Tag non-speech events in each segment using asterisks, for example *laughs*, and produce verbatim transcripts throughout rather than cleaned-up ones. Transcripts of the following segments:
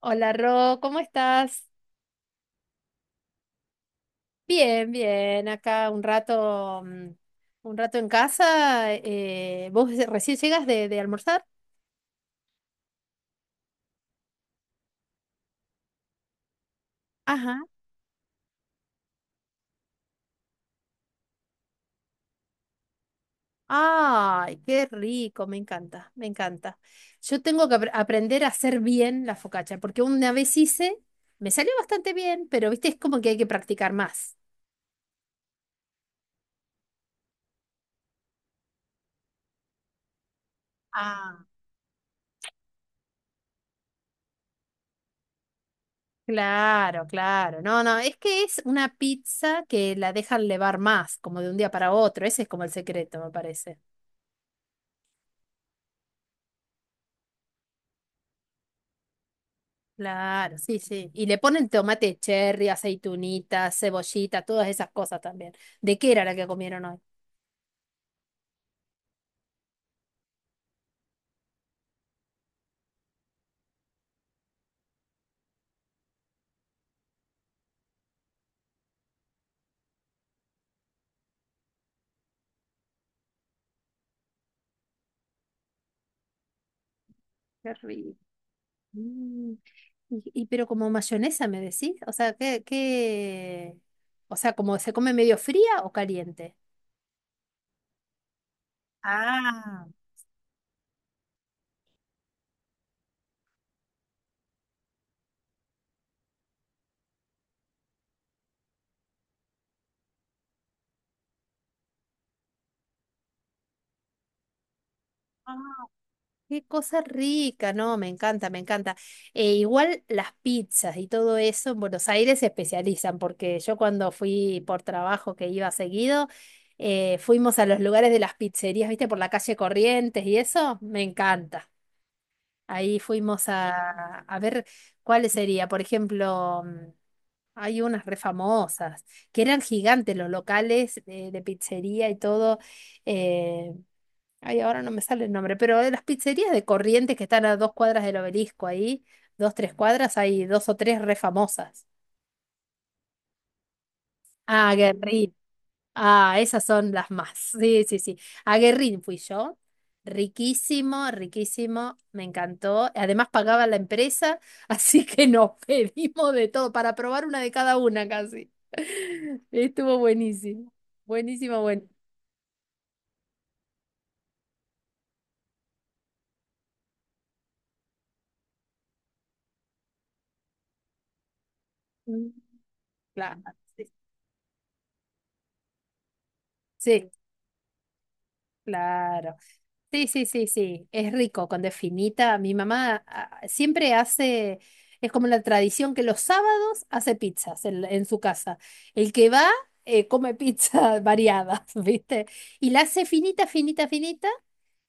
Hola Ro, ¿cómo estás? Bien, bien, acá un rato, mm, un rato en casa. eh, ¿vos recién llegas de, de almorzar? Ajá. Ay, qué rico, me encanta, me encanta. Yo tengo que apr- aprender a hacer bien la focaccia, porque una vez hice, me salió bastante bien, pero viste, es como que hay que practicar más. Ah. Claro, claro. No, no, es que es una pizza que la dejan levar más, como de un día para otro. Ese es como el secreto, me parece. Claro, sí, sí. Y le ponen tomate cherry, aceitunita, cebollita, todas esas cosas también. ¿De qué era la que comieron hoy? Qué rico. Mm, y, y pero como mayonesa, ¿me decís? O sea, ¿qué, ¿qué? O sea, ¿como se come medio fría o caliente? Ah, ah. Qué cosa rica, no, me encanta, me encanta. Eh, igual las pizzas y todo eso en Buenos Aires se especializan, porque yo cuando fui por trabajo que iba seguido, eh, fuimos a los lugares de las pizzerías, viste, por la calle Corrientes y eso, me encanta. Ahí fuimos a, a ver cuál sería, por ejemplo, mm, hay unas re famosas, que eran gigantes los locales de, de pizzería y todo. eh, Ay, ahora no me sale el nombre, pero de las pizzerías de Corrientes que están a dos cuadras del obelisco ahí, dos, tres cuadras, hay dos o tres re famosas. Ah, Guerrín. Ah, esas son las más. Sí, sí, sí. A Guerrín fui yo. Riquísimo, riquísimo, me encantó. Además pagaba la empresa, *laughs* así que nos *laughs* pedimos de todo para probar una de cada una casi. *laughs* Estuvo buenísimo. Buenísimo, bueno. Claro. Sí, sí, claro. Sí, sí, sí, sí, es rico, con definita. Mi mamá ah, siempre hace, es como la tradición que los sábados hace pizzas en, en su casa. El que va eh, come pizza *laughs* variadas, ¿viste? Y la hace finita, finita, finita,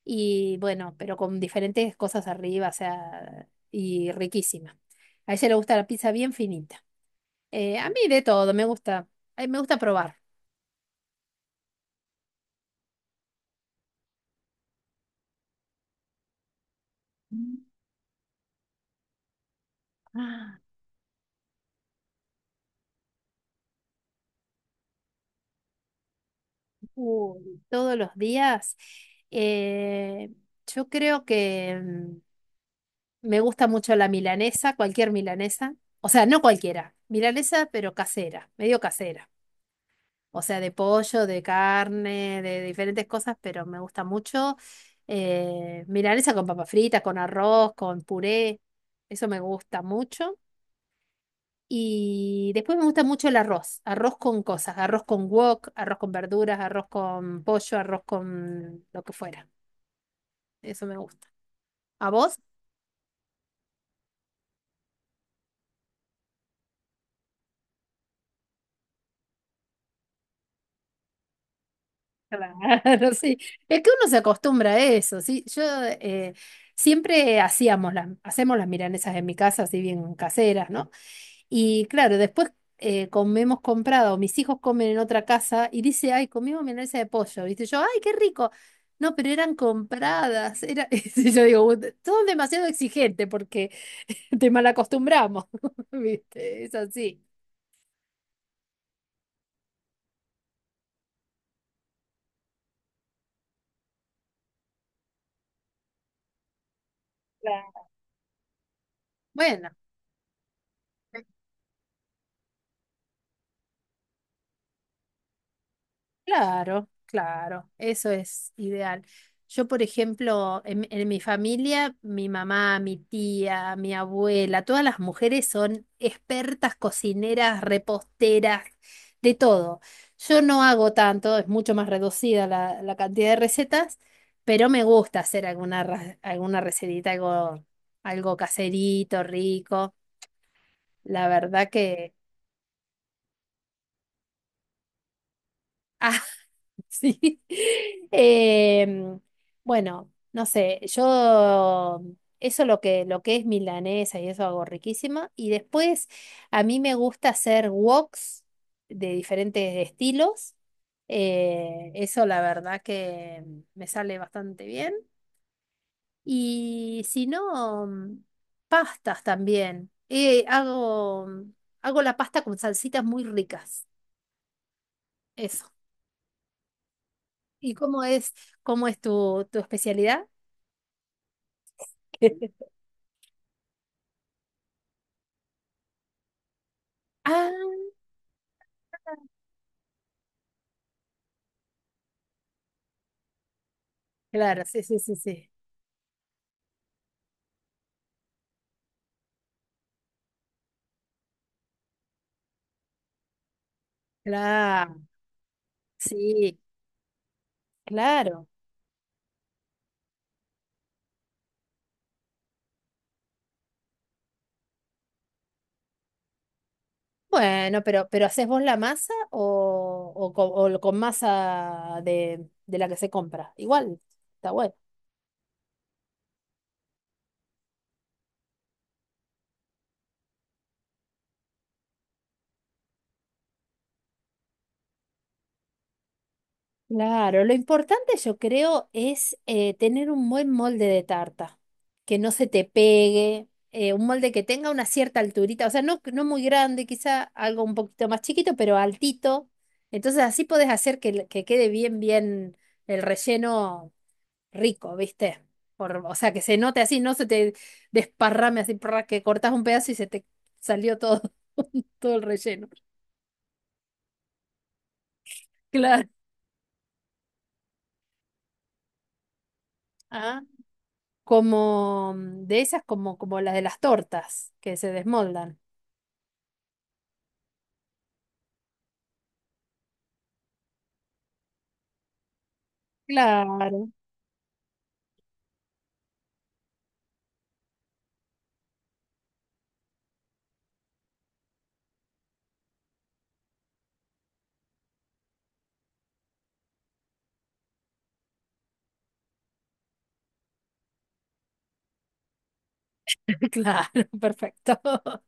y bueno, pero con diferentes cosas arriba, o sea, y riquísima. A ella le gusta la pizza bien finita. Eh, a mí de todo, me gusta, eh, me gusta probar. Mm. Ah. Uy, todos los días. eh, yo creo que mm, me gusta mucho la milanesa, cualquier milanesa. O sea, no cualquiera. Milanesa, pero casera, medio casera. O sea, de pollo, de carne, de diferentes cosas, pero me gusta mucho. eh, milanesa con papas fritas, con arroz, con puré. Eso me gusta mucho. Y después me gusta mucho el arroz, arroz con cosas, arroz con wok, arroz con verduras, arroz con pollo, arroz con lo que fuera. Eso me gusta. ¿A vos? Claro, *laughs* sí. Es que uno se acostumbra a eso, sí. Yo eh, siempre hacíamos las, hacemos las milanesas en mi casa, así bien caseras, ¿no? Y claro, después eh, comemos comprado, mis hijos comen en otra casa y dice, ay, comimos milanesa de pollo, ¿viste? Yo, ay, qué rico. No, pero eran compradas. Era... *laughs* y yo digo, "Ut- son demasiado exigentes porque te malacostumbramos, *laughs* ¿viste? Es así. Claro. Bueno. Claro, claro, eso es ideal. Yo, por ejemplo, en, en mi familia, mi mamá, mi tía, mi abuela, todas las mujeres son expertas cocineras, reposteras, de todo. Yo no hago tanto, es mucho más reducida la, la cantidad de recetas, pero me gusta hacer alguna, ra- alguna recetita, algo, algo caserito, rico. La verdad que... *laughs* Sí. *laughs* Em, bueno, no sé, yo eso lo que, lo que es milanesa y eso hago riquísima. Y después a mí me gusta hacer woks de diferentes estilos. Eh, eso la verdad que me sale bastante bien. Y si no, mm, pastas también. Eh, hago, hago la pasta con salsitas muy ricas. Eso. ¿Y cómo es, cómo es tu, tu especialidad? *laughs* Ah, claro, sí, sí, sí, sí. Claro, sí, claro. Bueno, pero, pero ¿haces vos la masa o, o, co- o lo- con, masa de, de la que se compra? Igual, está bueno. Claro, lo importante yo creo es eh, tener un buen molde de tarta, que no se te pegue, eh, un molde que tenga una cierta alturita, o sea, no, no muy grande, quizá algo un poquito más chiquito, pero altito. Entonces así podés hacer que, le- que quede bien, bien el relleno rico, ¿viste? Por- o sea, que se note así, no se te desparrame así, prrra, que cortás un pedazo y se te salió todo, *laughs* todo el relleno. Claro. Como mm, de esas como, como las de las tortas que se desmoldan. Claro, *laughs* claro, perfecto. *laughs*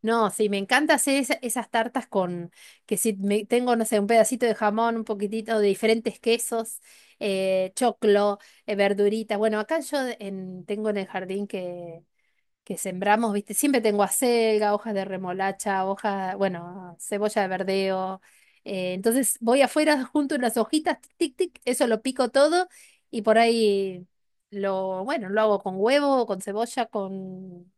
No, sí, me encanta hacer esa- esas tartas con, que si me, tengo, no sé, un pedacito de jamón, un poquitito de diferentes quesos, eh, choclo, eh, verduritas. Bueno, acá yo en- tengo en el jardín que que sembramos, ¿viste? Siempre tengo acelga, hojas de remolacha, hojas, bueno, cebolla de verdeo. Eh, entonces voy afuera *laughs* junto unas hojitas, tic, tic, tic, eso lo pico todo y por ahí lo, bueno, lo hago con huevo, con cebolla, con,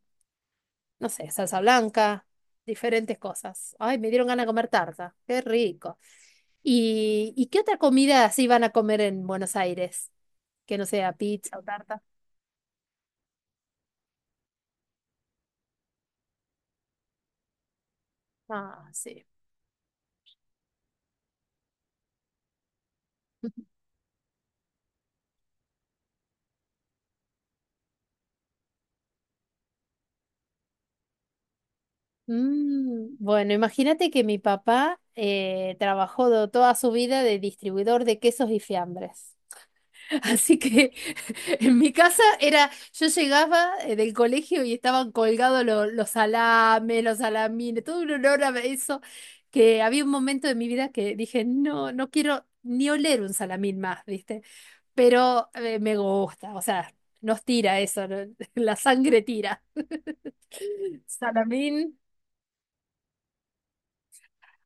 no sé, salsa blanca, diferentes cosas. Ay, me dieron ganas de comer tarta, qué rico. ¿Y, ¿y qué otra comida así van a comer en Buenos Aires? Que no sea pizza o tarta. Ah, sí. Mm, bueno, imagínate que mi papá eh, trabajó do- toda su vida de distribuidor de quesos y fiambres. *laughs* Así que *laughs* en mi casa era, yo llegaba eh, del colegio y estaban colgados lo- los salames, los salamines, todo un olor a eso, que había un momento de mi vida que dije, no, no quiero ni oler un salamín más, ¿viste? Pero eh, me gusta, o sea, nos tira eso, ¿no? *laughs* La sangre tira. Salamín.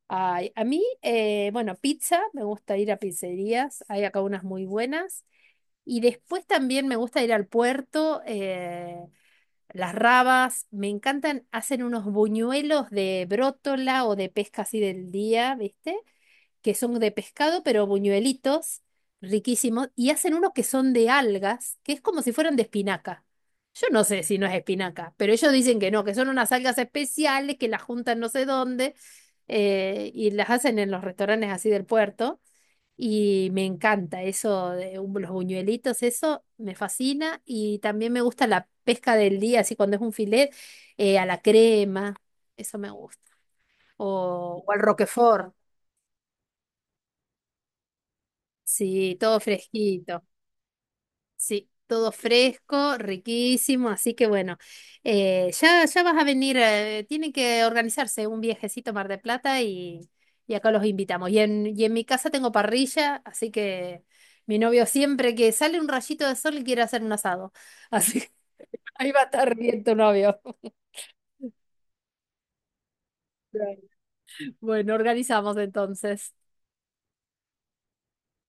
Ay, a mí, eh, bueno, pizza, me gusta ir a pizzerías, hay acá unas muy buenas. Y después también me gusta ir al puerto, eh, las rabas, me encantan, hacen unos buñuelos de brótola o de pesca así del día, ¿viste? Que son de pescado, pero buñuelitos, riquísimos, y hacen unos que son de algas, que es como si fueran de espinaca. Yo no sé si no es espinaca, pero ellos dicen que no, que son unas algas especiales que las juntan no sé dónde eh, y las hacen en los restaurantes así del puerto. Y me encanta eso de un- los buñuelitos, eso me fascina. Y también me gusta la pesca del día, así cuando es un filet, eh, a la crema, eso me gusta. O, o al Roquefort. Sí, todo fresquito. Sí, todo fresco, riquísimo. Así que bueno, eh, ya, ya vas a venir. Eh, tienen que organizarse un viajecito a Mar del Plata y, y acá los invitamos. Y en, y en mi casa tengo parrilla, así que mi novio siempre que sale un rayito de sol quiere hacer un asado. Así que *laughs* ahí va a estar bien tu novio. *laughs* Bueno, organizamos entonces.